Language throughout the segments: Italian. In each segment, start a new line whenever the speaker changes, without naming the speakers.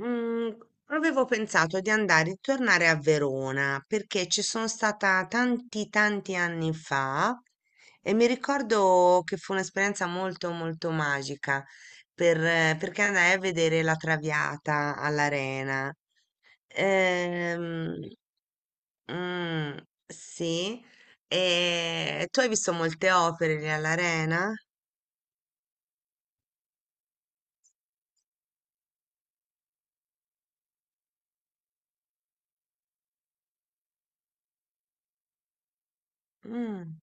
Mm, avevo pensato di andare e tornare a Verona perché ci sono stata tanti tanti anni fa e mi ricordo che fu un'esperienza molto molto magica perché andai a vedere la Traviata all'Arena. Ehm, mm, sì, e tu hai visto molte opere lì all'Arena? Mm,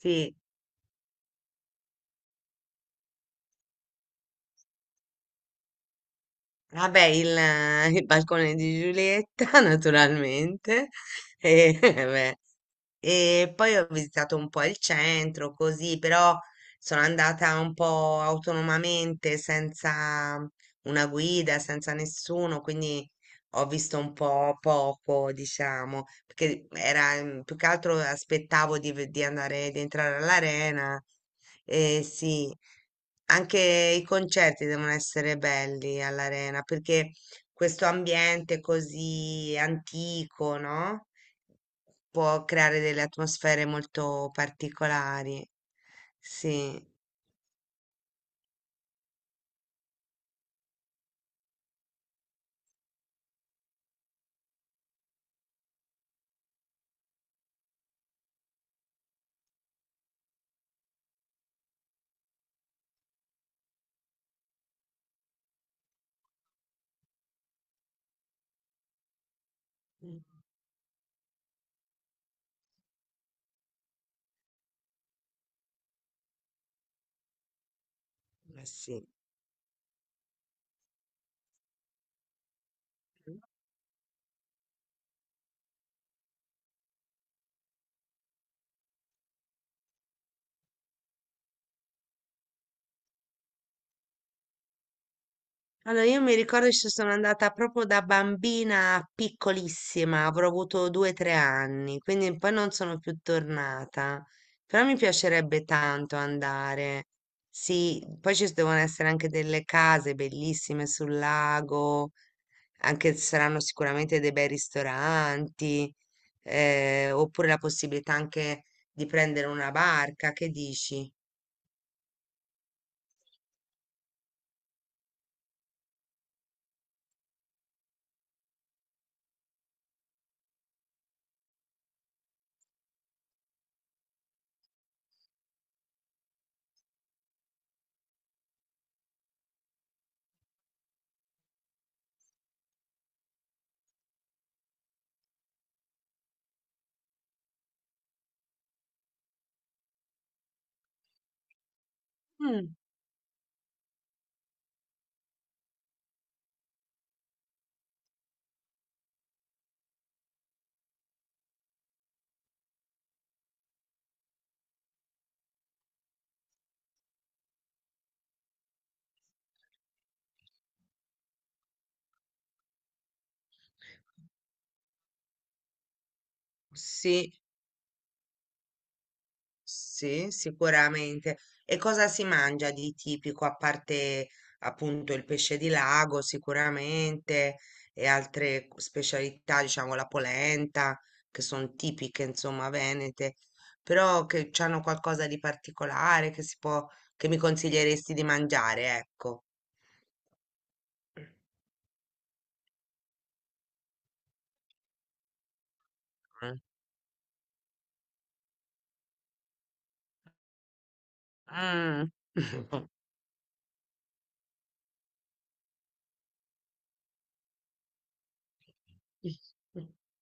sì. Vabbè, il balcone di Giulietta, naturalmente. E, vabbè. E poi ho visitato un po' il centro, così, però sono andata un po' autonomamente, senza una guida, senza nessuno, quindi ho visto un po' poco, diciamo, perché era più che altro aspettavo di andare, di entrare all'arena. E sì. Anche i concerti devono essere belli all'arena perché questo ambiente così antico, no? Può creare delle atmosfere molto particolari. Sì. Mm. Eh, sì. Allora, io mi ricordo che ci sono andata proprio da bambina piccolissima, avrò avuto due o tre anni, quindi poi non sono più tornata. Però mi piacerebbe tanto andare. Sì, poi ci devono essere anche delle case bellissime sul lago, anche ci saranno sicuramente dei bei ristoranti, oppure la possibilità anche di prendere una barca, che dici? Mm. Sì. Sì, sicuramente. E cosa si mangia di tipico, a parte appunto il pesce di lago, sicuramente, e altre specialità, diciamo la polenta, che sono tipiche, insomma, venete, però che hanno qualcosa di particolare che si che mi consiglieresti di mangiare, ecco. Mm. Mm.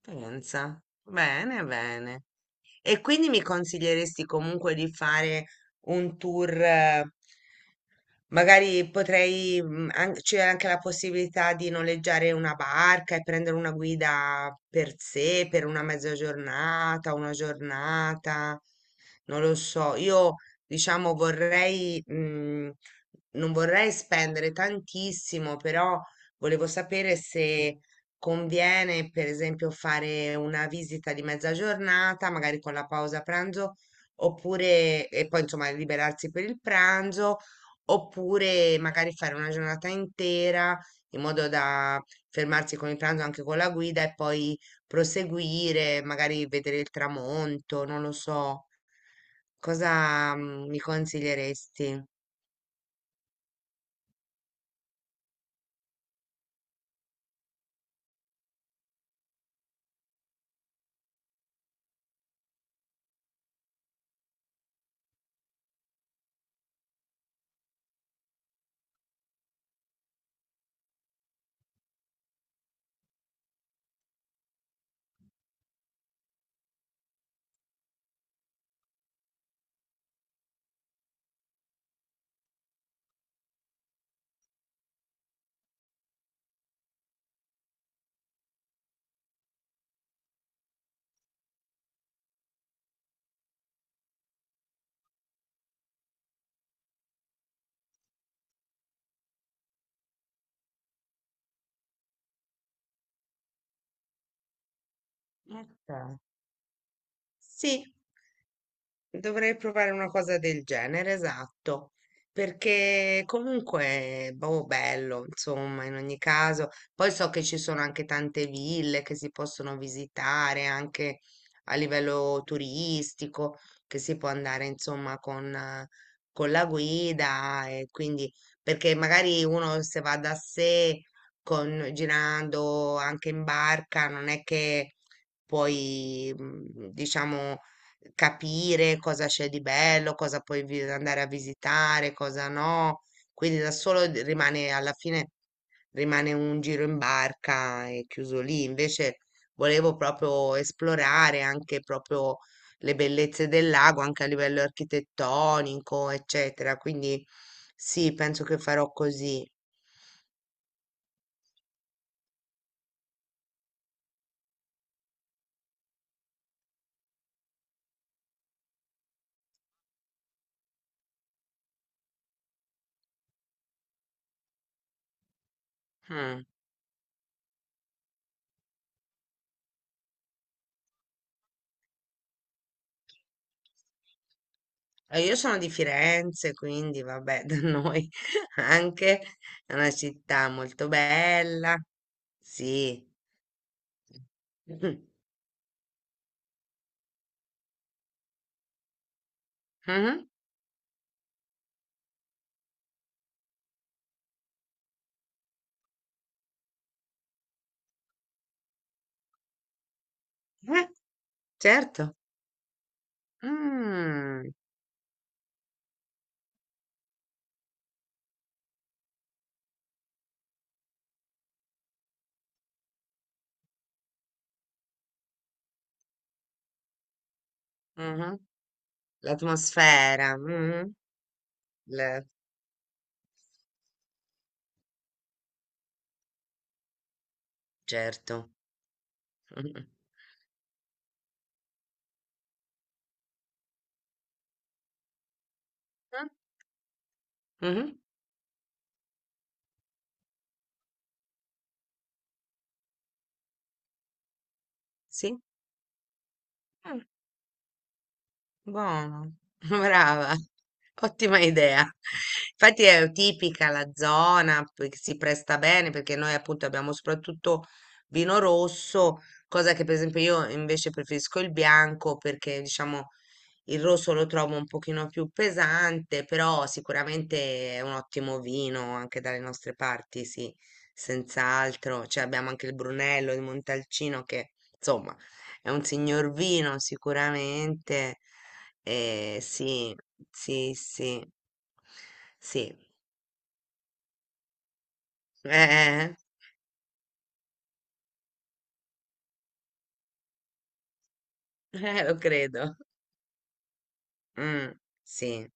Pensa. Bene, bene. E quindi mi consiglieresti comunque di fare un tour, magari potrei, c'è anche la possibilità di noleggiare una barca e prendere una guida per sé, per una mezza giornata, una giornata, non lo so. Io, diciamo, non vorrei spendere tantissimo, però volevo sapere se conviene, per esempio, fare una visita di mezza giornata, magari con la pausa pranzo, oppure, e poi, insomma, liberarsi per il pranzo, oppure magari fare una giornata intera in modo da fermarsi con il pranzo anche con la guida e poi proseguire, magari vedere il tramonto, non lo so. Mi consiglieresti? Ok. Sì. Dovrei provare una cosa del genere, esatto, perché comunque, boh, bello, insomma, in ogni caso. Poi so che ci sono anche tante ville che si possono visitare anche a livello turistico, che si può andare, insomma, con la guida e quindi, perché magari uno se va da sé, con, girando anche in barca, non è che diciamo capire cosa c'è di bello, cosa puoi andare a visitare, cosa no. Quindi da solo rimane alla fine rimane un giro in barca e chiuso lì. Invece volevo proprio esplorare anche proprio le bellezze del lago, anche a livello architettonico, eccetera. Quindi sì, penso che farò così. Mm. Io sono di Firenze, quindi vabbè, da noi anche è una città molto bella. Sì. Mhm. Mhm. Eh, certo. Mm. Mhm. L'atmosfera. Mhm. Le- certo. Mhm. Mhm. Sì. Buono, brava, ottima idea. Infatti è tipica la zona, poi che si presta bene perché noi appunto abbiamo soprattutto vino rosso, cosa che per esempio io invece preferisco il bianco perché diciamo il rosso lo trovo un pochino più pesante, però sicuramente è un ottimo vino anche dalle nostre parti, sì, senz'altro. Cioè abbiamo anche il Brunello di Montalcino che, insomma, è un signor vino sicuramente. Sì, sì, sì, sì, eh, lo credo. Mm, sì.